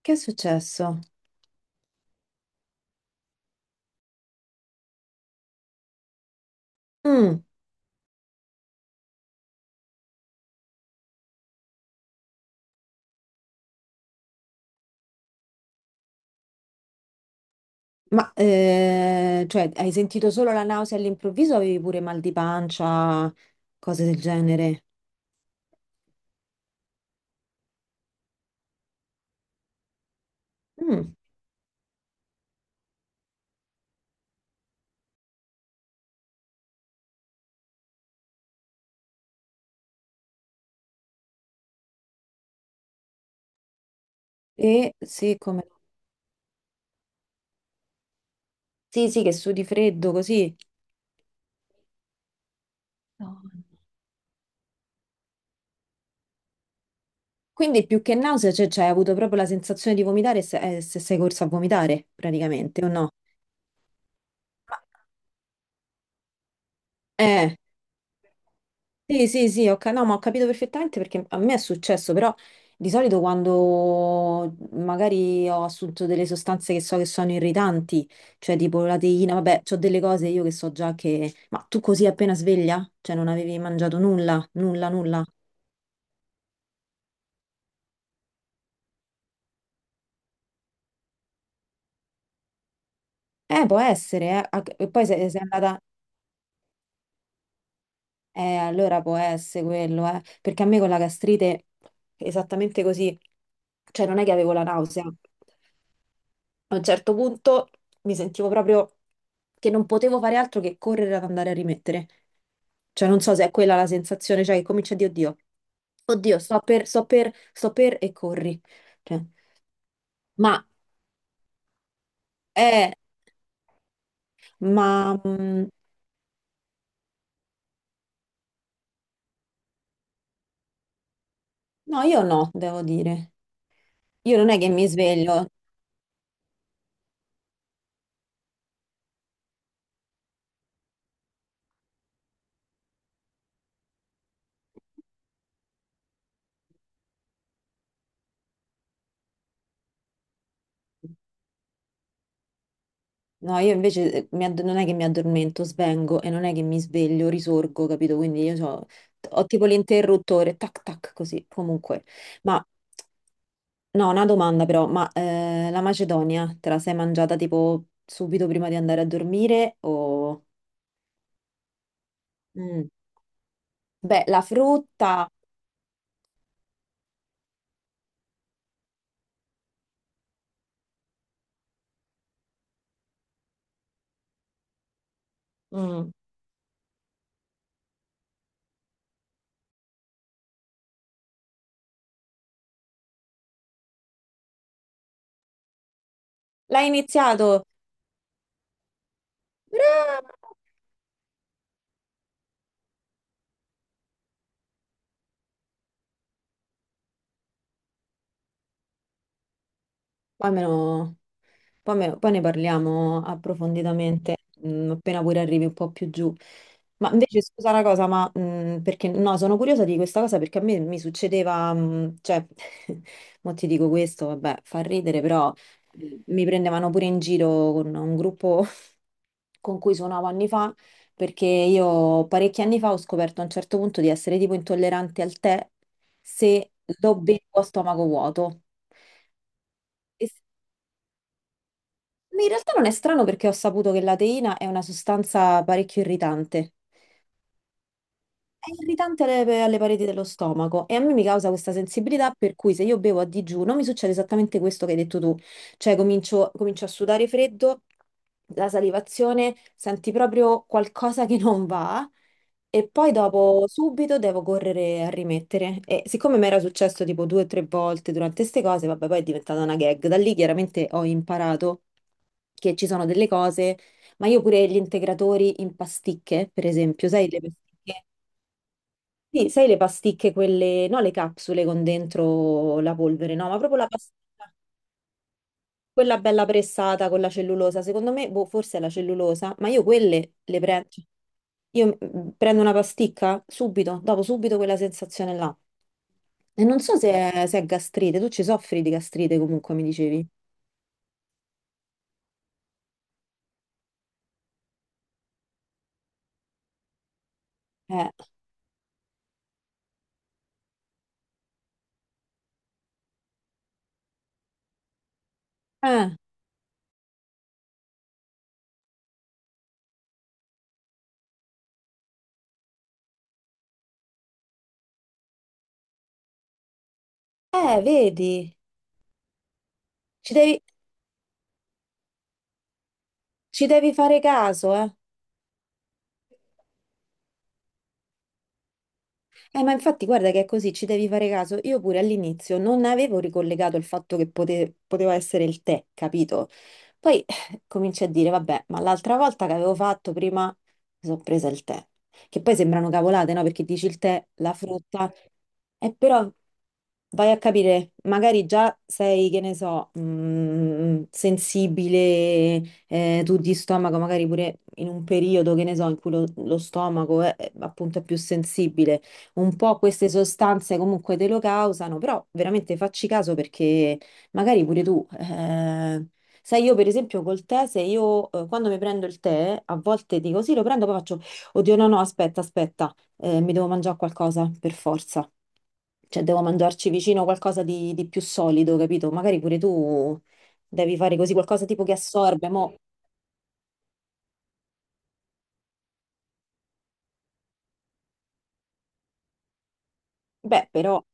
Che è successo? Mm, ma hai sentito solo la nausea all'improvviso o avevi pure mal di pancia, cose del genere? Mm. E sì, come... Sì, sì, che sudi freddo così. No. Quindi più che nausea, cioè, hai avuto proprio la sensazione di vomitare se sei corsa a vomitare, praticamente, o no? Ma- Eh, Sì, sì, sì, ok, no, ma ho capito perfettamente perché a me è successo, però di solito quando magari ho assunto delle sostanze che so che sono irritanti, cioè tipo la teina, vabbè, ho delle cose io che so già che... Ma tu così appena sveglia? Cioè non avevi mangiato nulla, nulla, nulla? Può essere, eh. Ah, e poi se sei andata... allora può essere quello, eh. Perché a me con la gastrite, esattamente così, cioè non è che avevo la nausea. A un certo punto mi sentivo proprio che non potevo fare altro che correre ad andare a rimettere. Cioè, non so se è quella la sensazione, cioè che comincia a dire, oddio, oddio, sto per, e corri. Cioè, ma è, ma no, io no, devo dire. Io non è che mi sveglio. No, io invece mi add- non è che mi addormento, svengo, e non è che mi sveglio, risorgo, capito? Quindi io so- ho tipo l'interruttore, tac tac, così, comunque. Ma no, una domanda però, ma la Macedonia te la sei mangiata tipo subito prima di andare a dormire o... Mm. Beh, la frutta, mm. L'hai iniziato, brava! Ma almeno... Poi, me- poi ne parliamo approfonditamente, mm, appena pure arrivi un po' più giù. Ma invece, scusa una cosa, ma perché no, sono curiosa di questa cosa perché a me mi succedeva, mm, cioè, mo ti dico questo, vabbè, fa ridere, però mi prendevano pure in giro con un gruppo con cui suonavo anni fa, perché io parecchi anni fa ho scoperto a un certo punto di essere tipo intollerante al tè se lo bevo a stomaco vuoto. In realtà non è strano perché ho saputo che la teina è una sostanza parecchio irritante. È irritante alle pareti dello stomaco, e a me mi causa questa sensibilità per cui se io bevo a digiuno mi succede esattamente questo che hai detto tu, cioè comincio a sudare freddo, la salivazione, senti proprio qualcosa che non va e poi dopo subito devo correre a rimettere. E siccome mi era successo tipo due o tre volte durante queste cose, vabbè, poi è diventata una gag. Da lì chiaramente ho imparato che ci sono delle cose, ma io pure gli integratori in pasticche, per esempio, sai le pasticche? Sì, sai le pasticche, quelle, no, le capsule con dentro la polvere, no, ma proprio la pasticca, quella bella pressata con la cellulosa. Secondo me, boh, forse è la cellulosa, ma io quelle le prendo. Io prendo una pasticca, subito dopo subito quella sensazione là. E non so se è gastrite, tu ci soffri di gastrite comunque, mi dicevi. Eh, eh, eh, vedi, ci devi, ci devi fare caso, eh. Ma infatti guarda che è così, ci devi fare caso. Io pure all'inizio non avevo ricollegato il fatto che pote- poteva essere il tè, capito? Poi cominci a dire, vabbè, ma l'altra volta che avevo fatto prima mi sono presa il tè. Che poi sembrano cavolate, no? Perché dici il tè, la frutta, e però vai a capire, magari già sei, che ne so, sensibile, tu di stomaco, magari pure in un periodo, che ne so, in cui lo stomaco è appunto è più sensibile, un po' queste sostanze comunque te lo causano, però veramente facci caso, perché magari pure tu, sai, io per esempio col tè, se io quando mi prendo il tè, a volte dico sì, lo prendo, poi faccio, oddio, no, no, aspetta, aspetta, mi devo mangiare qualcosa per forza. Cioè, devo mangiarci vicino qualcosa di più solido, capito? Magari pure tu devi fare così, qualcosa tipo che assorbe. Mo... Beh, però,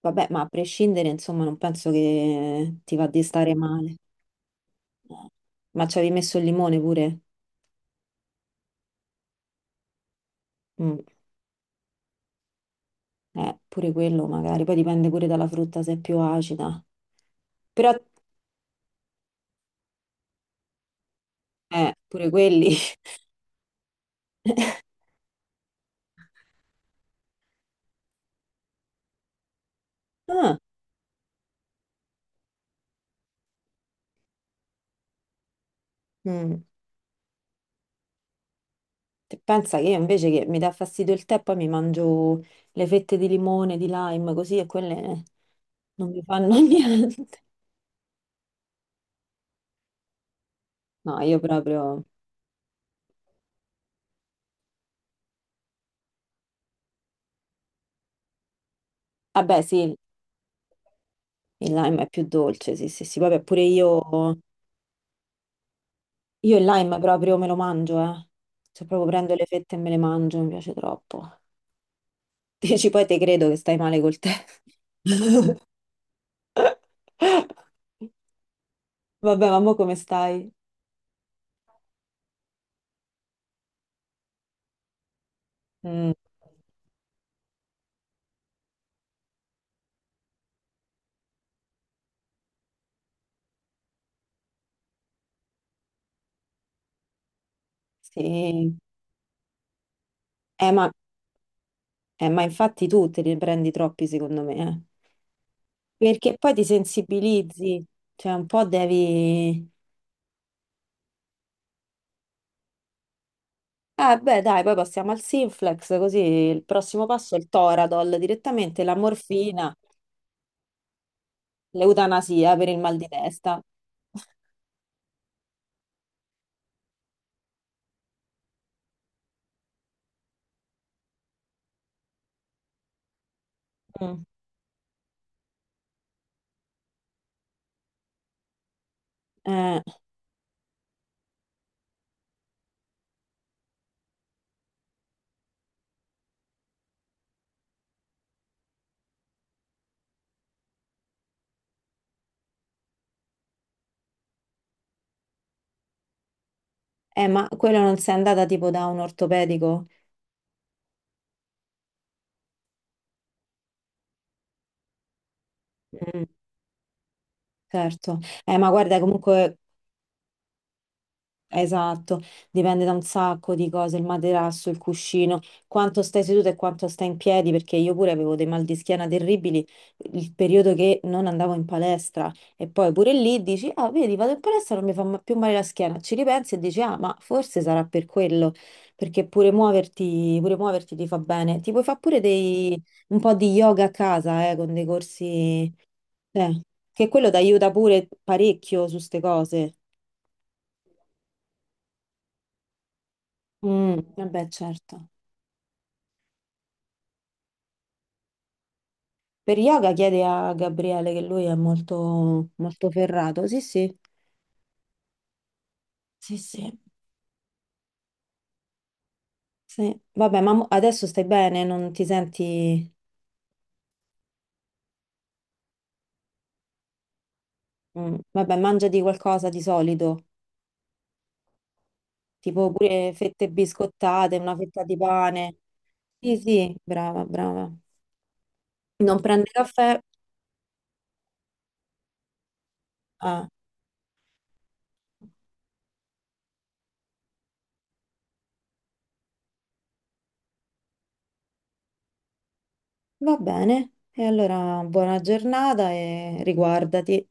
vabbè, ma a prescindere, insomma, non penso che ti va di stare male. Ma ci avevi messo il limone pure? Mm. Pure quello magari, poi dipende pure dalla frutta se è più acida. Però, pure quelli. Ah, mm. Te pensa che io invece, che mi dà fastidio il tè, poi mi mangio le fette di limone, di lime, così, e quelle non mi fanno niente. No, io proprio... Vabbè, sì, il lime è più dolce, sì, sì, sì, vabbè, pure io... Io il lime proprio me lo mangio, eh. Cioè proprio prendo le fette e me le mangio, mi piace troppo. Dici, poi te credo che stai male col te. Vabbè, ma mo come stai? Mm, sì. Eh, ma, ma infatti tu te ne prendi troppi, secondo me, eh. Perché poi ti sensibilizzi, cioè un po' devi... Ah, beh, dai, poi passiamo al Sinflex, così il prossimo passo è il Toradol, direttamente la morfina, l'eutanasia per il mal di testa. Mm. Eh, eh, ma quello non sei andata tipo da un ortopedico? Mm, certo. Ma guarda, comunque esatto, dipende da un sacco di cose, il materasso, il cuscino, quanto stai seduto e quanto stai in piedi, perché io pure avevo dei mal di schiena terribili il periodo che non andavo in palestra, e poi pure lì dici, ah, vedi, vado in palestra, non mi fa ma- più male la schiena, ci ripensi e dici, ah, ma forse sarà per quello, perché pure muoverti ti fa bene. Ti puoi fare pure dei, un po' di yoga a casa, con dei corsi, eh, che quello ti aiuta pure parecchio su ste cose. Mm, vabbè, certo. Per yoga chiede a Gabriele che lui è molto, molto ferrato. Sì, sì. Sì, sì. Sì. Vabbè, ma mo- adesso stai bene, non ti senti... Mm. Vabbè, mangiati qualcosa di solito, tipo pure fette biscottate, una fetta di pane. Sì, sì, brava, brava. Non prende caffè? Ah, va bene. E allora buona giornata e riguardati.